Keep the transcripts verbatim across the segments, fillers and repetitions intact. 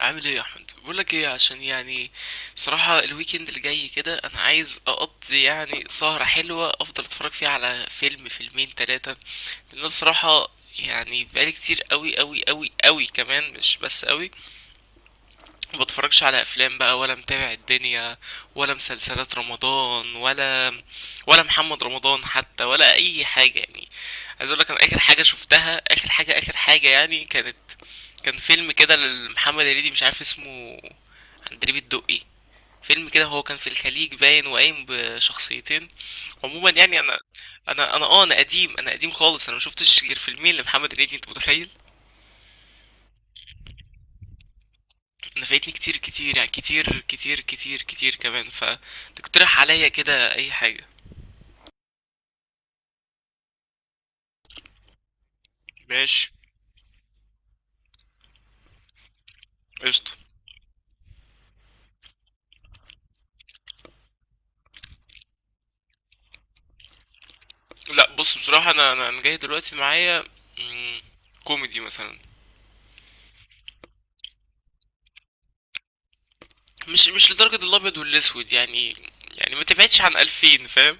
عامل ايه يا احمد؟ بقول لك ايه، عشان يعني بصراحه الويكند اللي جاي كده انا عايز اقضي يعني سهره حلوه، افضل اتفرج فيها على فيلم، فيلمين، ثلاثه. لان أنا بصراحه يعني بقالي كتير قوي قوي قوي قوي كمان، مش بس قوي، ما بتفرجش على افلام بقى، ولا متابع الدنيا، ولا مسلسلات رمضان، ولا ولا محمد رمضان حتى، ولا اي حاجه يعني. عايز اقول لك، انا اخر حاجه شفتها، اخر حاجه اخر حاجه يعني كانت، كان فيلم كده لمحمد هنيدي مش عارف اسمه، عندليب الدقي. فيلم كده هو كان في الخليج باين، وقايم بشخصيتين. عموما يعني انا انا انا اه انا قديم، انا قديم خالص، انا مشوفتش غير فيلمين لمحمد هنيدي، انت متخيل؟ انا فايتني كتير كتير، يعني كتير كتير كتير كتير كمان، فتقترح عليا كده اي حاجه. ماشي، قشطه. لا بص، بصراحه انا انا أنا جاي دلوقتي معايا، مم، كوميدي مثلا. مش مش لدرجه الابيض والاسود يعني، يعني ما تبعدش عن ألفين، فاهم؟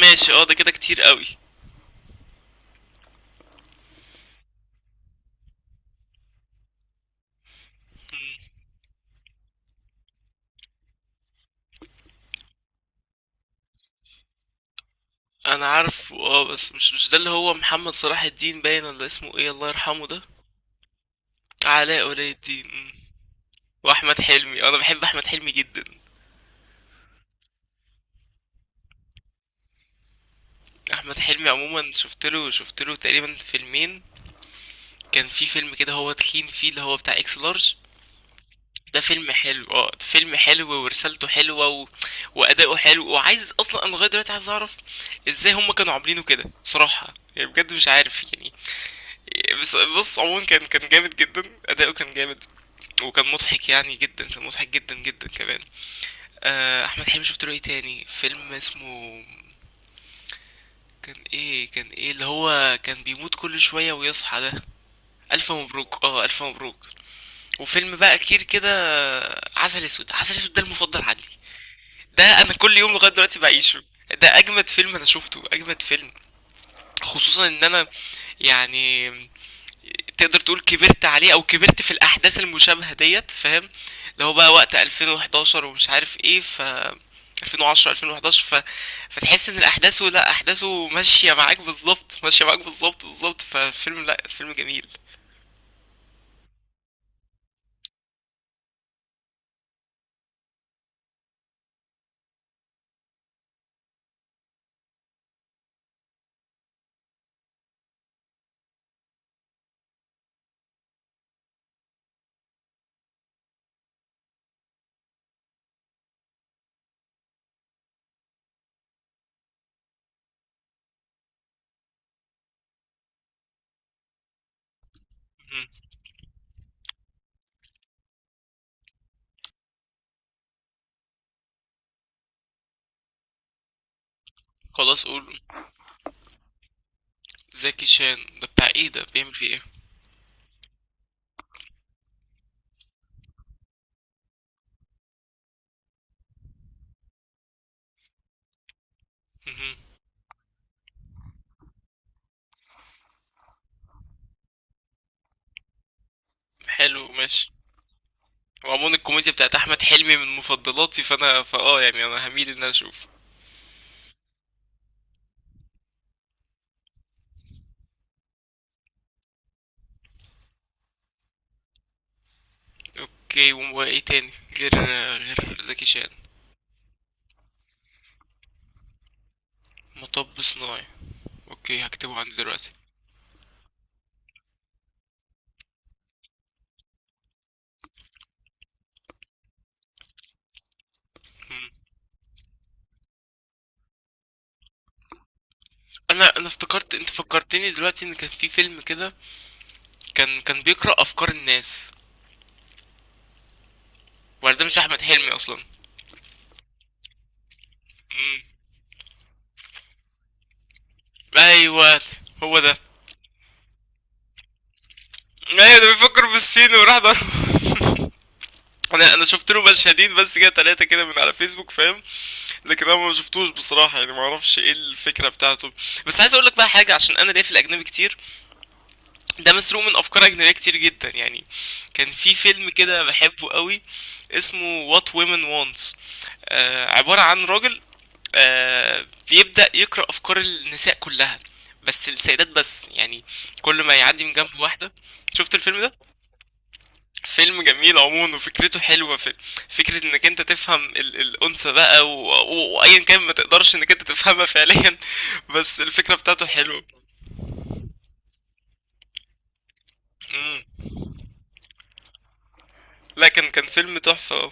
ماشي اه، ده كده كتير قوي. مم. انا عارف، اه، بس مش مش ده اللي هو محمد صلاح الدين باين، ولا اسمه ايه الله يرحمه ده؟ علاء ولي الدين، مم. واحمد حلمي، اه، انا بحب احمد حلمي جدا. احمد حلمي عموما شفت له شفت له تقريبا فيلمين. كان في فيلم كده هو تخين فيه، اللي هو بتاع اكس لارج. ده فيلم حلو، اه ده فيلم حلو، ورسالته حلوه و... واداؤه حلو، وعايز اصلا انا لغايه دلوقتي عايز اعرف ازاي هم كانوا عاملينه كده، بصراحه يعني بجد مش عارف يعني. بس بص عموما كان كان جامد جدا، اداؤه كان جامد، وكان مضحك يعني جدا، كان مضحك جدا جدا كمان. آه، احمد حلمي شفت له ايه تاني، فيلم اسمه، كان ايه كان ايه اللي هو كان بيموت كل شويه ويصحى ده؟ الف مبروك، اه الف مبروك. وفيلم بقى كتير كده. آه، عسل اسود، عسل اسود ده المفضل عندي. ده انا كل يوم لغايه دلوقتي بعيشه. ده اجمد فيلم انا شفته، اجمد فيلم، خصوصا ان انا يعني تقدر تقول كبرت عليه، او كبرت في الاحداث المشابهه ديت، فاهم؟ اللي هو بقى وقت ألفين وأحد عشر ومش عارف ايه، ف ألفين وعشرة ألفين وحداشر ف... فتحس ان الاحداث، لا احداثه ماشيه معاك بالظبط، ماشيه معاك بالظبط بالظبط، ففيلم، لا فيلم جميل. مهم. خلاص قول. زكي شان ده بتاع ايه؟ ده بيعمل فيه ايه؟ مهم. حلو، ماشي. وعموما الكوميديا بتاعت احمد حلمي من مفضلاتي، فانا فاه يعني انا هميل ان انا اشوفه. اوكي، وايه تاني غير، غير زكي شان؟ مطب صناعي. اوكي، هكتبه عندي دلوقتي. مم. انا انا افتكرت، انت فكرتني دلوقتي ان كان في فيلم كده كان كان بيقرأ افكار الناس، ولا ده مش احمد حلمي اصلا؟ مم. ايوه هو ده. ايوه ده بيفكر بالصين وراح ضرب. انا انا شفت له مشهدين بس كده، ثلاثه كده، من على فيسبوك فاهم. لكن انا ما شفتوش بصراحه يعني، ما اعرفش ايه الفكره بتاعته. بس عايز اقول لك بقى حاجه، عشان انا ليا في الاجنبي كتير، ده مسروق من افكار اجنبيه كتير جدا يعني. كان في فيلم كده بحبه قوي، اسمه What Women Wants. آه، عباره عن راجل، آه، بيبدا يقرا افكار النساء كلها، بس السيدات بس يعني، كل ما يعدي من جنب واحده. شفت الفيلم ده؟ فيلم جميل عموما، وفكرته حلوه، في فكره انك انت تفهم ال الانثى بقى، و- و- وايا كان ما تقدرش انك انت تفهمها فعليا. بس الفكره بتاعته حلوه. مم. لا كان، كان فيلم تحفه، اه.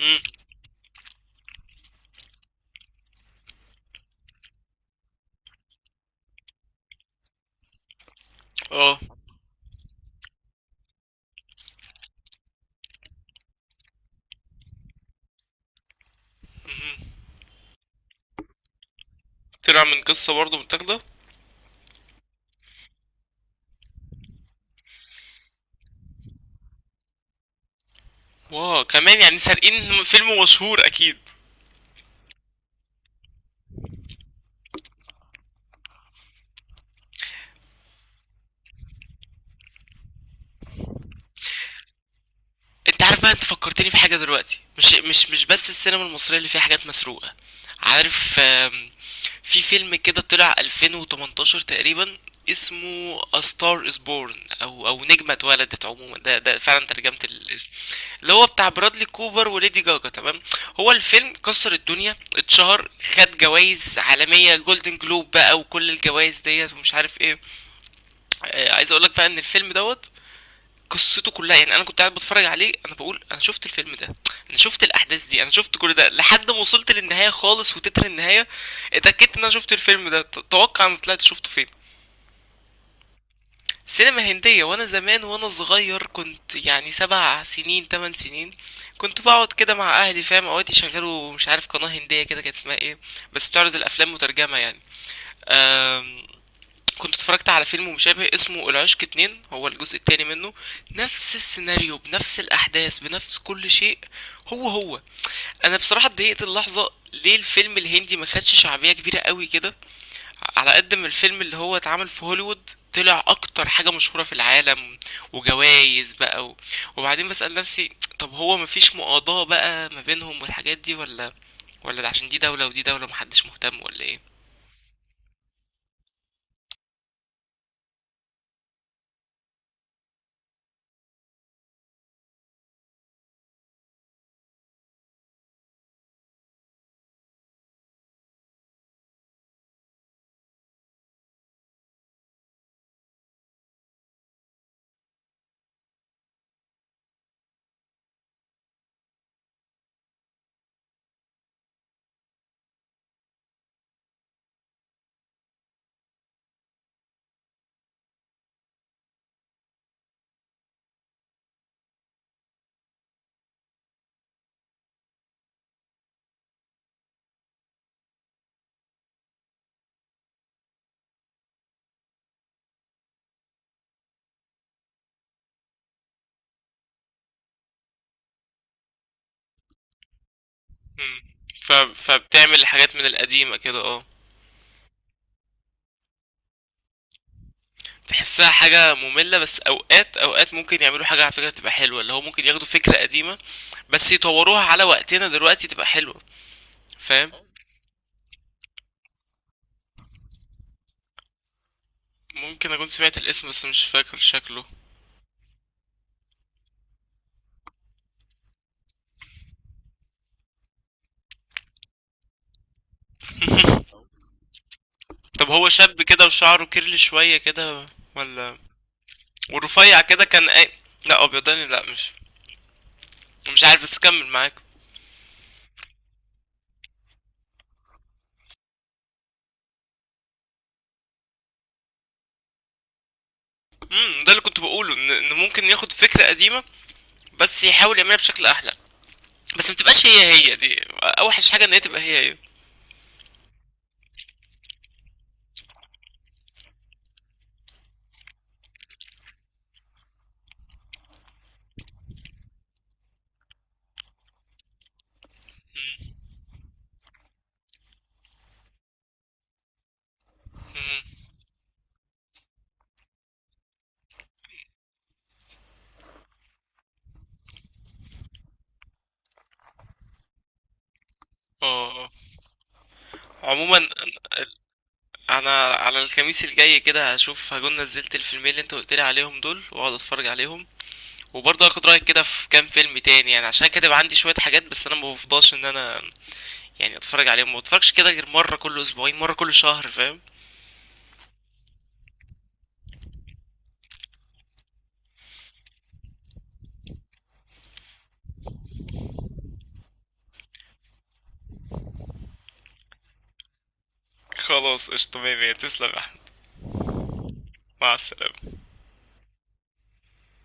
مم. اه. مهم. طلع من قصة برضه متاخدة. واو، كمان يعني سارقين فيلم مشهور اكيد. انت عارف بقى، انت فكرتني في حاجه دلوقتي، مش مش مش بس السينما المصريه اللي فيها حاجات مسروقه، عارف. آم، في فيلم كده طلع ألفين وتمنتاشر تقريبا، اسمه A Star Is Born، او او نجمه اتولدت، عموما ده ده فعلا ترجمه الاسم، اللي هو بتاع برادلي كوبر وليدي جاجا، تمام. هو الفيلم كسر الدنيا، اتشهر، خد جوائز عالميه، جولدن جلوب بقى وكل الجوائز ديت، ومش عارف ايه. آه، عايز اقول لك بقى ان الفيلم دوت قصته كلها يعني، انا كنت قاعد بتفرج عليه انا بقول انا شفت الفيلم ده، انا شفت الاحداث دي، انا شفت كل ده لحد ما وصلت للنهايه خالص، وتتر النهايه اتاكدت ان انا شفت الفيلم ده. ت- توقع انا طلعت شفته فين؟ سينما هنديه، وانا زمان وانا صغير، كنت يعني سبع سنين تمن سنين، كنت بقعد كده مع اهلي فاهم، اوقات يشغلوا مش عارف قناه هنديه كده كانت اسمها ايه، بس بتعرض الافلام مترجمه يعني. آم، كنت اتفرجت على فيلم مشابه اسمه العشق اتنين، هو الجزء التاني منه. نفس السيناريو بنفس الأحداث بنفس كل شيء، هو هو. أنا بصراحة اتضايقت اللحظة، ليه الفيلم الهندي ما خدش شعبية كبيرة قوي كده، على قد ما الفيلم اللي هو اتعمل في هوليوود طلع أكتر حاجة مشهورة في العالم، وجوايز بقى و... وبعدين بسأل نفسي، طب هو مفيش مقاضاة بقى ما بينهم والحاجات دي، ولا، ولا ده عشان دي دولة ودي دولة محدش مهتم، ولا ايه؟ مم. ف... فبتعمل حاجات من القديمة كده، اه. تحسها حاجة مملة، بس اوقات اوقات ممكن يعملوا حاجة على فكرة تبقى حلوة، اللي هو ممكن ياخدوا فكرة قديمة بس يطوروها على وقتنا دلوقتي تبقى حلوة، فاهم؟ ممكن اكون سمعت الاسم، بس مش فاكر شكله. طب هو شاب كده وشعره كيرلي شوية كده، ولا؟ ورفيع كده كان اي؟ لا ابيضاني، لا مش. مش عارف، بس كمل معاك. امم ده اللي كنت بقوله، ان إن ممكن ياخد فكرة قديمة بس يحاول يعملها بشكل احلى. بس ما تبقاش هي هي، دي اوحش حاجة ان هي تبقى هي هي. مم. مم. اه، آه. عموما انا على الخميس الجاي كده هشوف هكون نزلت الفيلمين اللي انت قلت لي عليهم دول، واقعد اتفرج عليهم. وبرضه هاخد رايك كده في كام فيلم تاني يعني، عشان كاتب عندي شويه حاجات، بس انا ما بفضلش ان انا يعني اتفرج عليهم، ما بتفرجش كده غير مره كل اسبوعين، مره كل شهر، فاهم؟ خلاص، قشطة، مية مية، تسلم يا احمد. مع السلامة.